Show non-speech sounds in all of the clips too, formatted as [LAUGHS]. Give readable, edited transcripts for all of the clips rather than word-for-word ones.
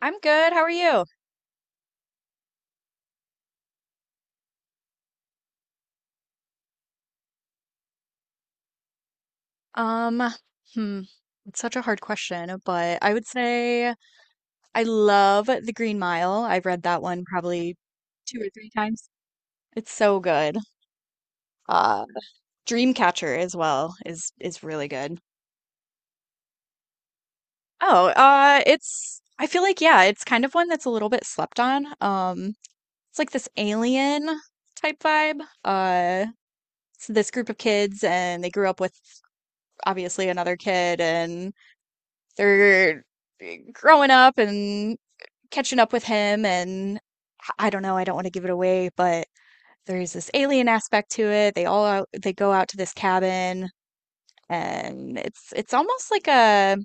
I'm good. How are you? Um, hmm. It's such a hard question, but I would say I love The Green Mile. I've read that one probably two or three times. It's so good. Uh, Dreamcatcher as well is really good. Oh, it's I feel like yeah, it's kind of one that's a little bit slept on. It's like this alien type vibe. It's this group of kids and they grew up with obviously another kid and they're growing up and catching up with him and I don't know, I don't want to give it away, but there is this alien aspect to it. They all out, they go out to this cabin and it's almost like a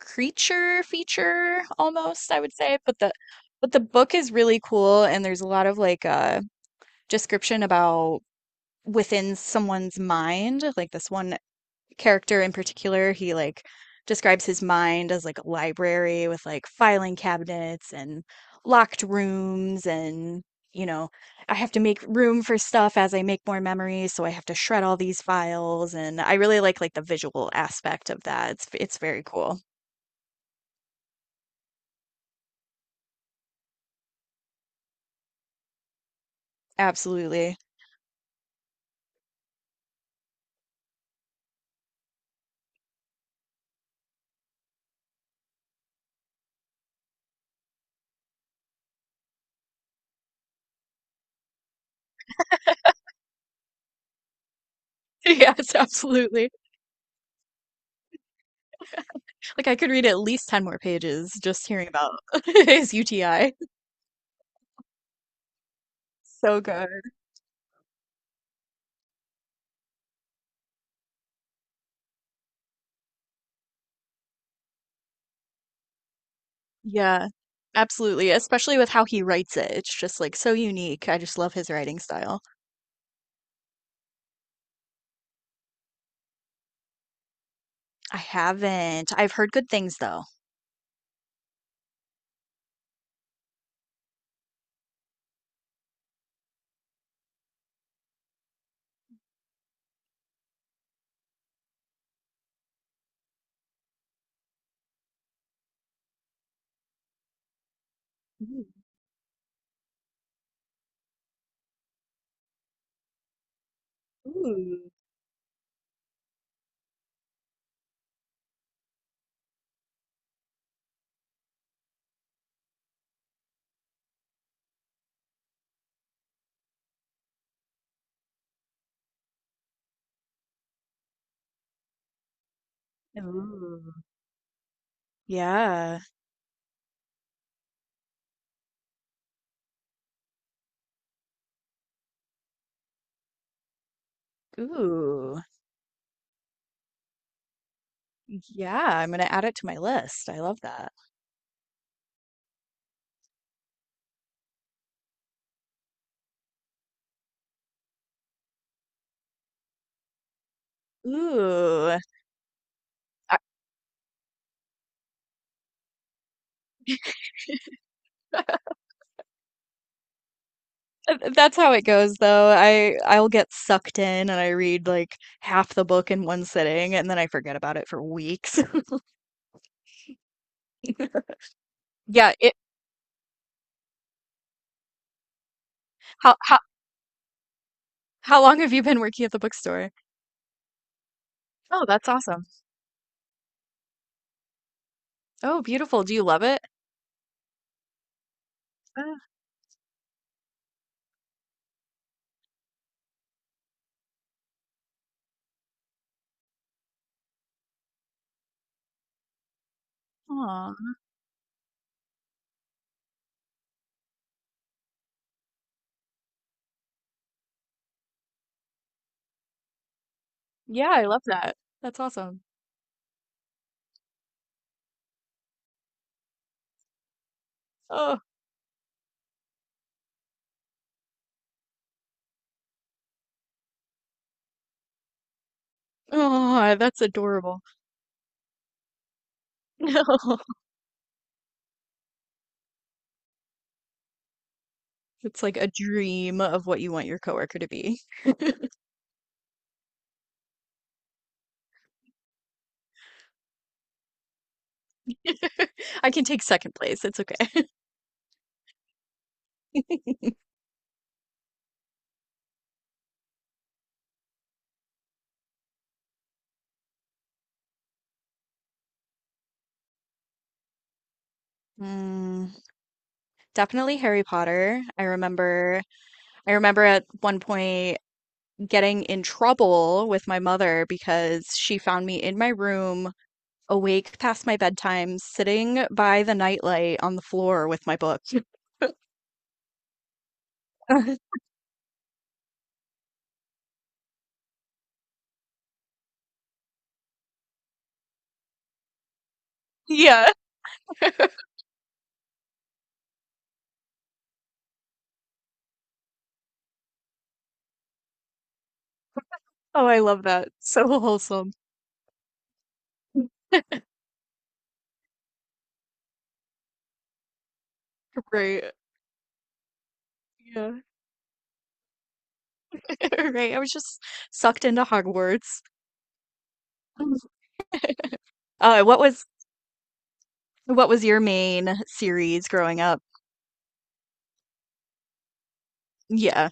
creature feature almost, I would say, but the book is really cool and there's a lot of like description about within someone's mind. Like this one character in particular, he like describes his mind as like a library with like filing cabinets and locked rooms and you know, I have to make room for stuff as I make more memories, so I have to shred all these files and I really like the visual aspect of that. It's very cool. Absolutely. [LAUGHS] Yes, absolutely. Like I could read at least 10 more pages just hearing about [LAUGHS] his UTI. So good. Yeah, absolutely, especially with how he writes it. It's just like so unique. I just love his writing style. I haven't. I've heard good things though. Ooh, ooh, Ooh. Yeah. Ooh. Yeah, I'm gonna add it to my list. I love that. Ooh. I- [LAUGHS] That's how it goes though. I'll get sucked in and I read like half the book in one sitting and then I forget about it for weeks. [LAUGHS] Yeah, it How how long have you been working at the bookstore? Oh, that's awesome. Oh, beautiful. Do you love it? Uh, aw. Yeah, I love that. That's awesome. Oh, oh, that's adorable. [LAUGHS] No, it's like a dream of what you want your coworker to be. [LAUGHS] I can take second place. It's okay. [LAUGHS] Mm, definitely Harry Potter. I remember at one point getting in trouble with my mother because she found me in my room awake past my bedtime, sitting by the nightlight on the floor with my book. [LAUGHS] Yeah. [LAUGHS] Oh, I love that. So wholesome. Right. Yeah. [LAUGHS] Right. I was just sucked into Hogwarts. Uh, what was what was your main series growing up? Yeah.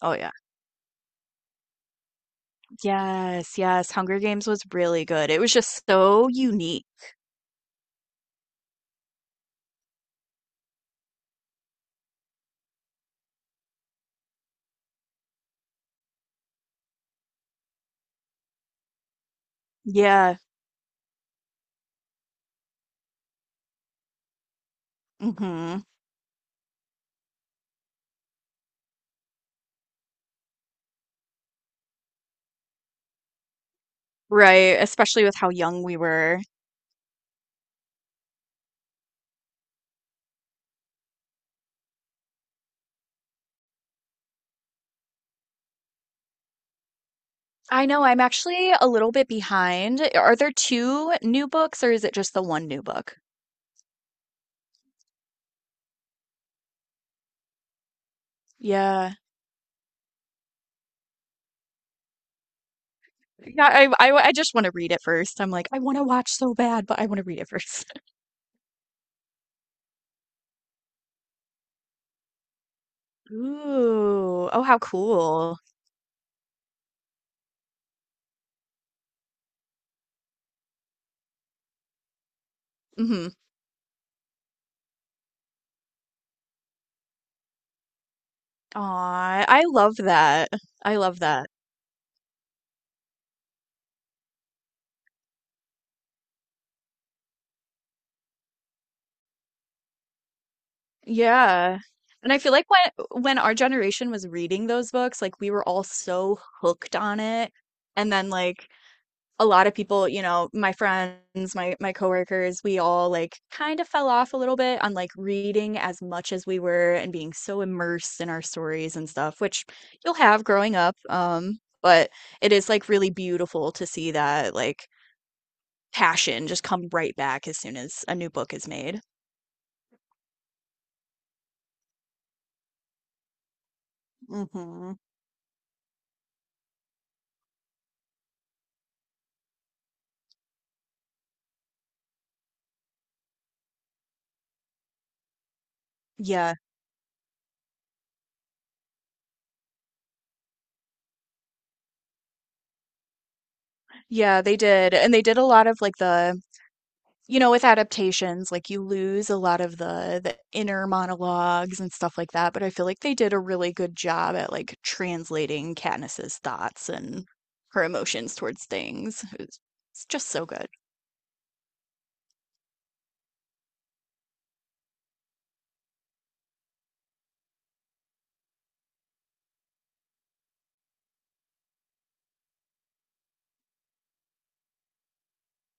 Oh yeah. Yes, yes. Hunger Games was really good. It was just so unique. Yeah. Hmm. Right. Especially with how young we were. I know I'm actually a little bit behind. Are there two new books or is it just the one new book? Yeah. Yeah, I just want to read it first. I'm like, I want to watch so bad, but I want to read it first. [LAUGHS] Ooh. Oh, how cool. Mm-hmm. Aw, I love that. I love that. Yeah. And I feel like when our generation was reading those books, like we were all so hooked on it. And then like a lot of people, you know, my friends, my coworkers, we all like kind of fell off a little bit on like reading as much as we were and being so immersed in our stories and stuff, which you'll have growing up. But it is like really beautiful to see that like passion just come right back as soon as a new book is made. Hmm. Yeah. Yeah, they did. And they did a lot of like the you know, with adaptations, like you lose a lot of the inner monologues and stuff like that, but I feel like they did a really good job at like translating Katniss's thoughts and her emotions towards things. It's just so good.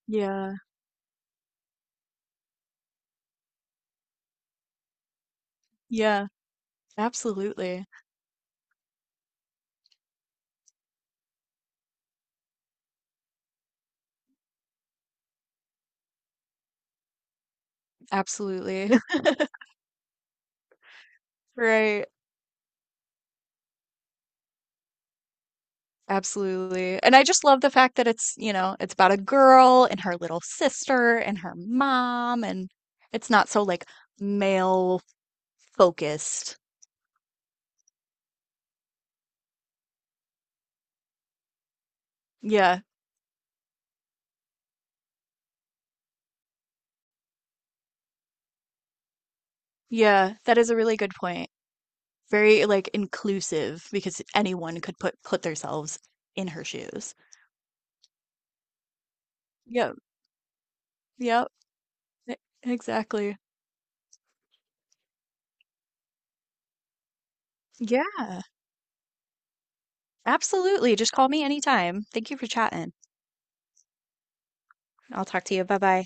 Yeah. Yeah. Absolutely. Absolutely. [LAUGHS] Right. Absolutely. And I just love the fact that it's, you know, it's about a girl and her little sister and her mom and it's not so like male focused. Yeah. Yeah, that is a really good point. Very like inclusive because anyone could put themselves in her shoes. Yep, yep, e- exactly. Yeah, absolutely. Just call me anytime. Thank you for chatting. I'll talk to you. Bye bye.